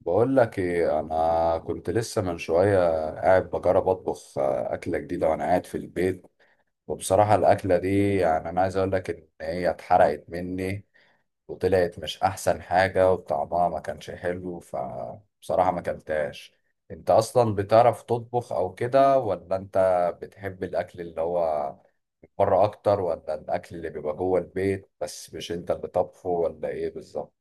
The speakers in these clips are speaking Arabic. بقول لك ايه، انا كنت لسه من شويه قاعد بجرب اطبخ اكله جديده وانا قاعد في البيت. وبصراحه الاكله دي يعني انا عايز اقول لك ان هي اتحرقت مني وطلعت مش احسن حاجه وطعمها ما كانش حلو، فبصراحه ما كلتهاش. انت اصلا بتعرف تطبخ او كده، ولا انت بتحب الاكل اللي هو بره اكتر، ولا الاكل اللي بيبقى جوه البيت بس مش انت اللي طبخه، ولا ايه بالظبط؟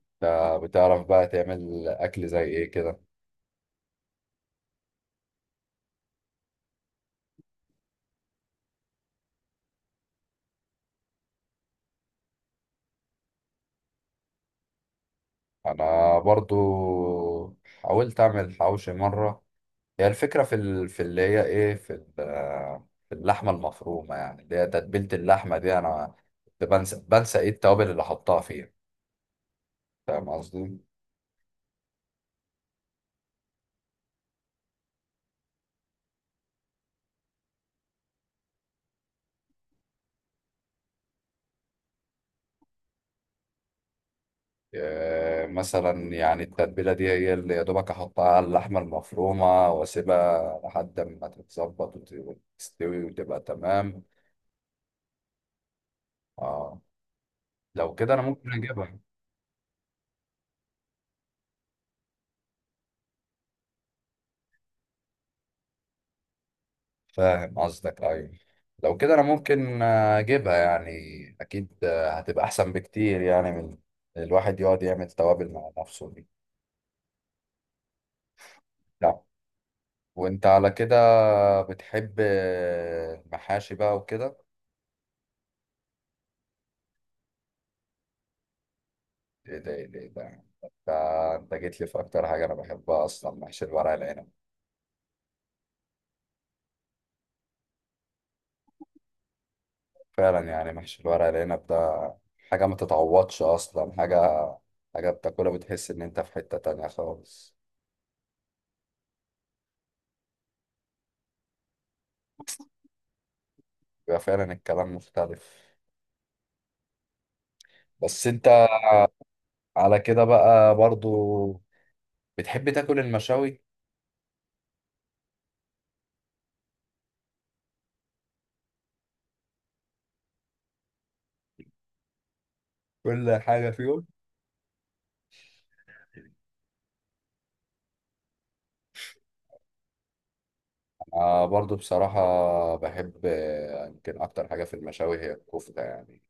انت بتعرف بقى تعمل اكل زي ايه كده؟ انا برضو حاولت اعمل حواوشي مره. هي الفكره في اللي هي ايه في اللحمه المفرومه، يعني اللي هي تتبيله اللحمه دي انا كنت بنسى ايه التوابل اللي حطها فيها. فاهم قصدي؟ مثلا يعني التتبيله دي هي اللي يا دوبك احطها على اللحمه المفرومه واسيبها لحد ما تتظبط وتستوي وتبقى تمام. اه، لو كده انا ممكن اجيبها. فاهم قصدك، ايوه. لو كده انا ممكن اجيبها يعني. اكيد هتبقى احسن بكتير يعني من الواحد يقعد يعمل توابل مع نفسه دي. لا، وانت على كده بتحب المحاشي بقى وكده؟ ايه ده، ايه ده، إيه ده! انت انت جيت لي في اكتر حاجه انا بحبها اصلا، محشي الورق العنب. فعلا يعني محشي الورق العنب ده حاجه ما تتعوضش اصلا، حاجه بتاكلها بتحس ان انت في حته تانية خالص. بيبقى فعلا الكلام مختلف. بس انت على كده بقى برضو بتحب تاكل المشاوي؟ كل حاجة فيهم؟ برضو بصراحة، بحب يمكن أكتر حاجة في المشاوي هي الكفتة يعني.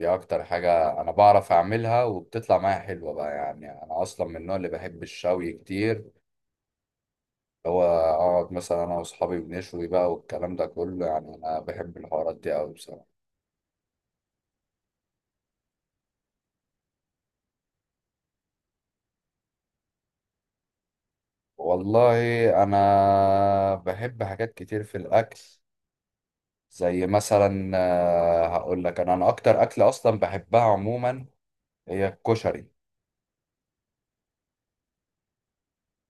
دي أكتر حاجة أنا بعرف أعملها وبتطلع معايا حلوة بقى، يعني أنا أصلا من النوع اللي بحب الشوي كتير، اللي هو أقعد مثلا أنا وأصحابي بنشوي بقى والكلام ده كله، يعني أنا بحب الحوارات دي أوي بصراحة. والله، أنا بحب حاجات كتير في الأكل، زي مثلا هقول لك، انا اكتر اكله اصلا بحبها عموما هي الكشري.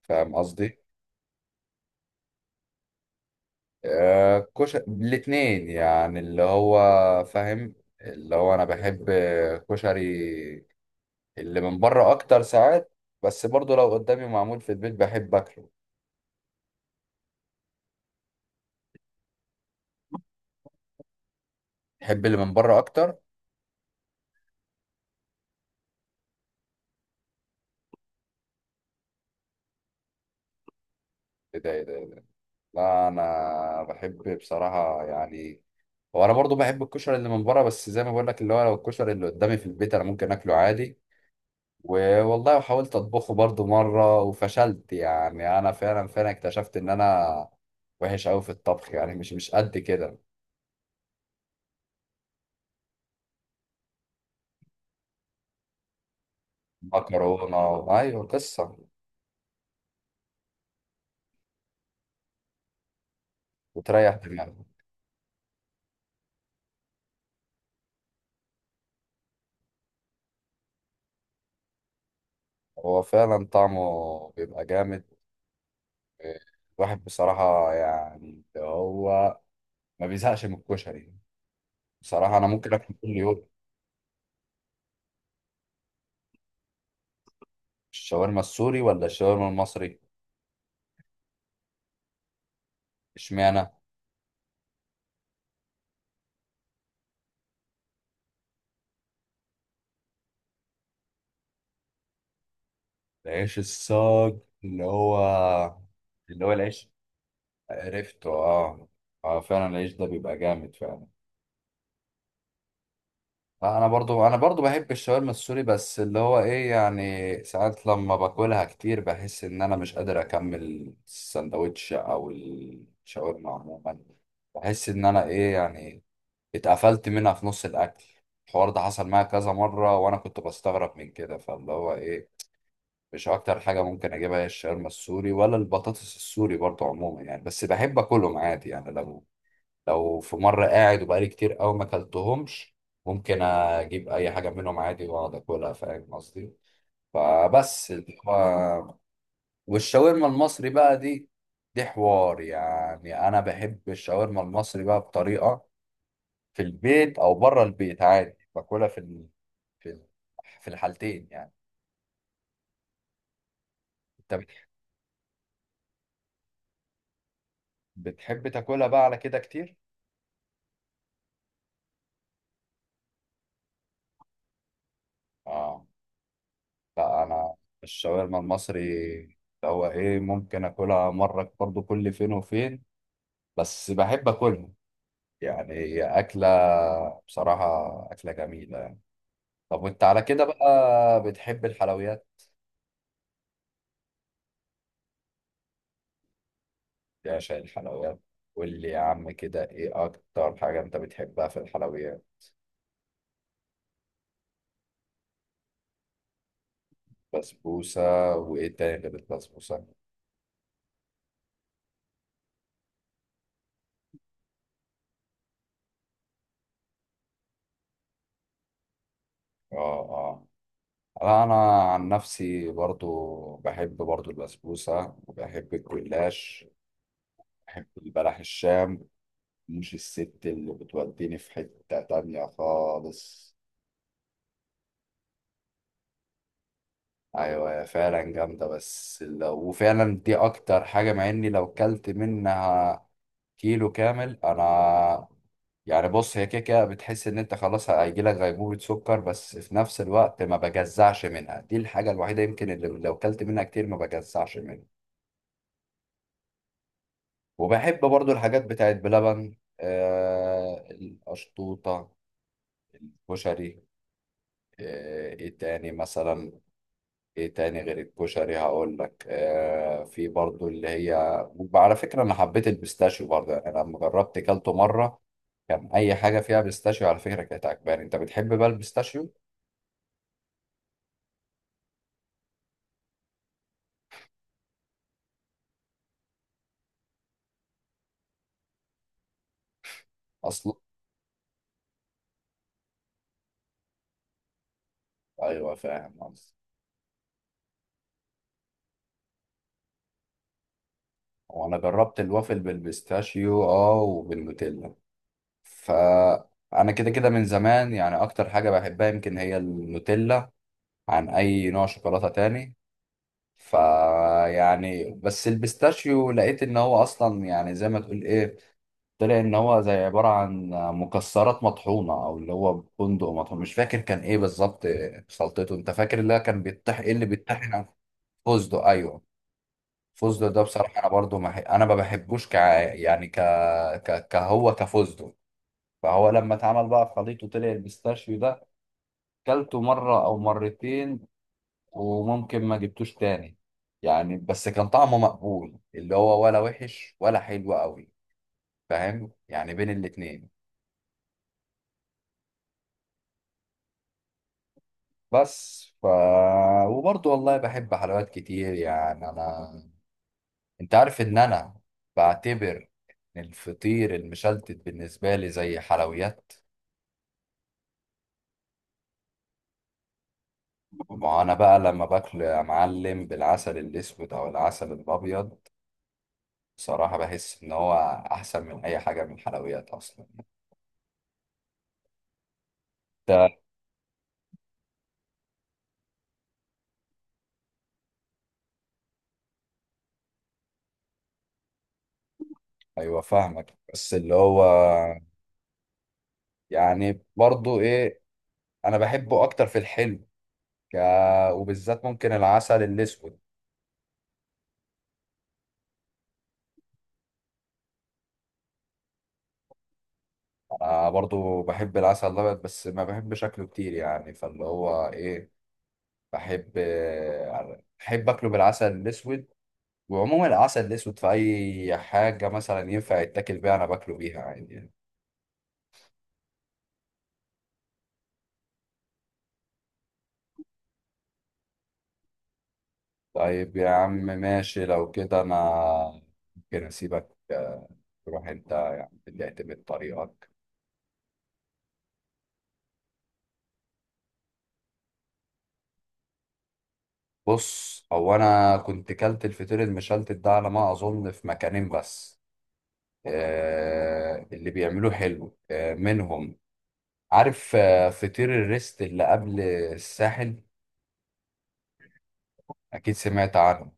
فاهم قصدي؟ كشري الاتنين يعني، اللي هو فاهم، اللي هو انا بحب كشري اللي من بره اكتر ساعات، بس برضو لو قدامي معمول في البيت بحب اكله. بحب اللي من بره اكتر. ايه ده، ايه ده، إيه ده؟ لا، انا بحب بصراحه، يعني هو انا برضو بحب الكشري اللي من بره، بس زي ما بقول لك اللي هو لو الكشري اللي قدامي في البيت انا ممكن اكله عادي. والله حاولت اطبخه برضو مره وفشلت، يعني انا فعلا فعلا اكتشفت ان انا وحش قوي في الطبخ، يعني مش قد كده. مكرونه ايوه قصه. وتريح دماغك. هو فعلا طعمه بيبقى جامد. الواحد بصراحه، يعني هو ما بيزهقش من الكشري يعني. بصراحه انا ممكن اكل كل يوم. الشاورما السوري ولا الشاورما المصري؟ اشمعنى؟ العيش الصاج، اللي هو اللي هو العيش، عرفته اه. اه فعلا العيش ده بيبقى جامد فعلا. لا، انا برضو بحب الشاورما السوري، بس اللي هو ايه يعني ساعات لما باكلها كتير بحس ان انا مش قادر اكمل السندوتش او الشاورما عموما. بحس ان انا ايه يعني اتقفلت منها في نص الاكل. الحوار ده حصل معايا كذا مرة وانا كنت بستغرب من كده، فاللي هو ايه مش اكتر حاجة ممكن اجيبها هي الشاورما السوري ولا البطاطس السوري برضو عموما يعني. بس بحب اكلهم عادي يعني، لو في مرة قاعد وبقالي كتير قوي ما اكلتهمش ممكن اجيب اي حاجة منهم عادي واقعد اكلها. فاهم قصدي؟ فبس اللي هو. والشاورما المصري بقى دي، دي حوار يعني، انا بحب الشاورما المصري بقى بطريقة في البيت او بره البيت عادي، باكلها في ال... في الحالتين يعني. انت بتحب تاكلها بقى على كده كتير؟ اه، لا انا، الشاورما المصري اللي هو ايه ممكن اكلها مرة برضو كل فين وفين، بس بحب اكلها يعني، هي اكله بصراحه اكله جميله يعني. طب وانت على كده بقى، بتحب الحلويات؟ يا عشان الحلويات، قول لي يا عم كده، ايه اكتر حاجه انت بتحبها في الحلويات؟ بسبوسه؟ وايه تاني غير البسبوسه؟ اه، اه. لا، انا عن نفسي برضو بحب برضو البسبوسه، وبحب الجلاش، بحب البلح الشام مش الست اللي بتوديني في حته تانية خالص. ايوه هي فعلا جامده، بس لو وفعلا دي اكتر حاجه، مع اني لو كلت منها كيلو كامل انا يعني، بص هي كده كده بتحس ان انت خلاص هيجي لك غيبوبه سكر، بس في نفس الوقت ما بجزعش منها، دي الحاجه الوحيده يمكن اللي لو كلت منها كتير ما بجزعش منها. وبحب برضو الحاجات بتاعت بلبن القشطوطه، كشري، ايه تاني مثلا؟ ايه تاني غير الكشري؟ هقول لك في برضو اللي هي، وعلى فكرة انا حبيت البيستاشيو برضو يعني، انا لما جربت كلته مرة كان اي حاجة فيها بيستاشيو على فكرة كانت عجباني. انت بتحب بقى البيستاشيو اصلا؟ ايوه فاهم قصدي. وانا جربت الوافل بالبيستاشيو اه وبالنوتيلا، فانا كده كده من زمان يعني اكتر حاجة بحبها يمكن هي النوتيلا عن اي نوع شوكولاتة تاني. فيعني بس البيستاشيو لقيت ان هو اصلا يعني زي ما تقول ايه، طلع ان هو زي عباره عن مكسرات مطحونه، او اللي هو بندق مطحون، مش فاكر كان ايه بالظبط خلطته، انت فاكر اللي هو كان بيتطحن ايه، اللي بيتطحن على؟ فستق، ايوه. فستق ده بصراحه انا برضو ما ح- انا ما بحبوش ك يعني، كهو كفستق. فهو لما اتعمل بقى خليط وطلع البيستاشيو ده كلته مره او مرتين، وممكن ما جبتوش تاني يعني. بس كان طعمه مقبول اللي هو، ولا وحش ولا حلو قوي، فاهم يعني بين الاتنين. بس وبرضه والله بحب حلويات كتير يعني انا، انت عارف ان انا بعتبر ان الفطير المشلتت بالنسبه لي زي حلويات. ما انا بقى لما باكله يا معلم بالعسل الاسود او العسل الابيض بصراحه بحس ان هو احسن من اي حاجه من الحلويات اصلا. ده ايوه فاهمك، بس اللي هو يعني برضه ايه، انا بحبه اكتر في الحلو، ك... وبالذات ممكن العسل الاسود. انا برضو بحب العسل الابيض بس ما بحب شكله كتير يعني، فاللي هو ايه، بحب بحب اكله بالعسل الاسود. وعموما العسل الاسود في اي حاجه مثلا ينفع يتاكل بيها انا باكله بيها عادي يعني. طيب يا عم ماشي، لو كده انا ممكن اسيبك تروح انت يعني تعتمد طريقك. بص هو انا كنت كلت الفطير المشلتت ده على ما اظن في مكانين بس، اللي بيعملوه حلو منهم، عارف فطير الريست اللي قبل الساحل؟ اكيد سمعت عنه.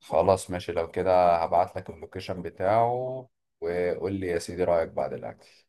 خلاص ماشي، لو كده هبعت لك اللوكيشن بتاعه، وقول لي يا سيدي رأيك بعد الاكل.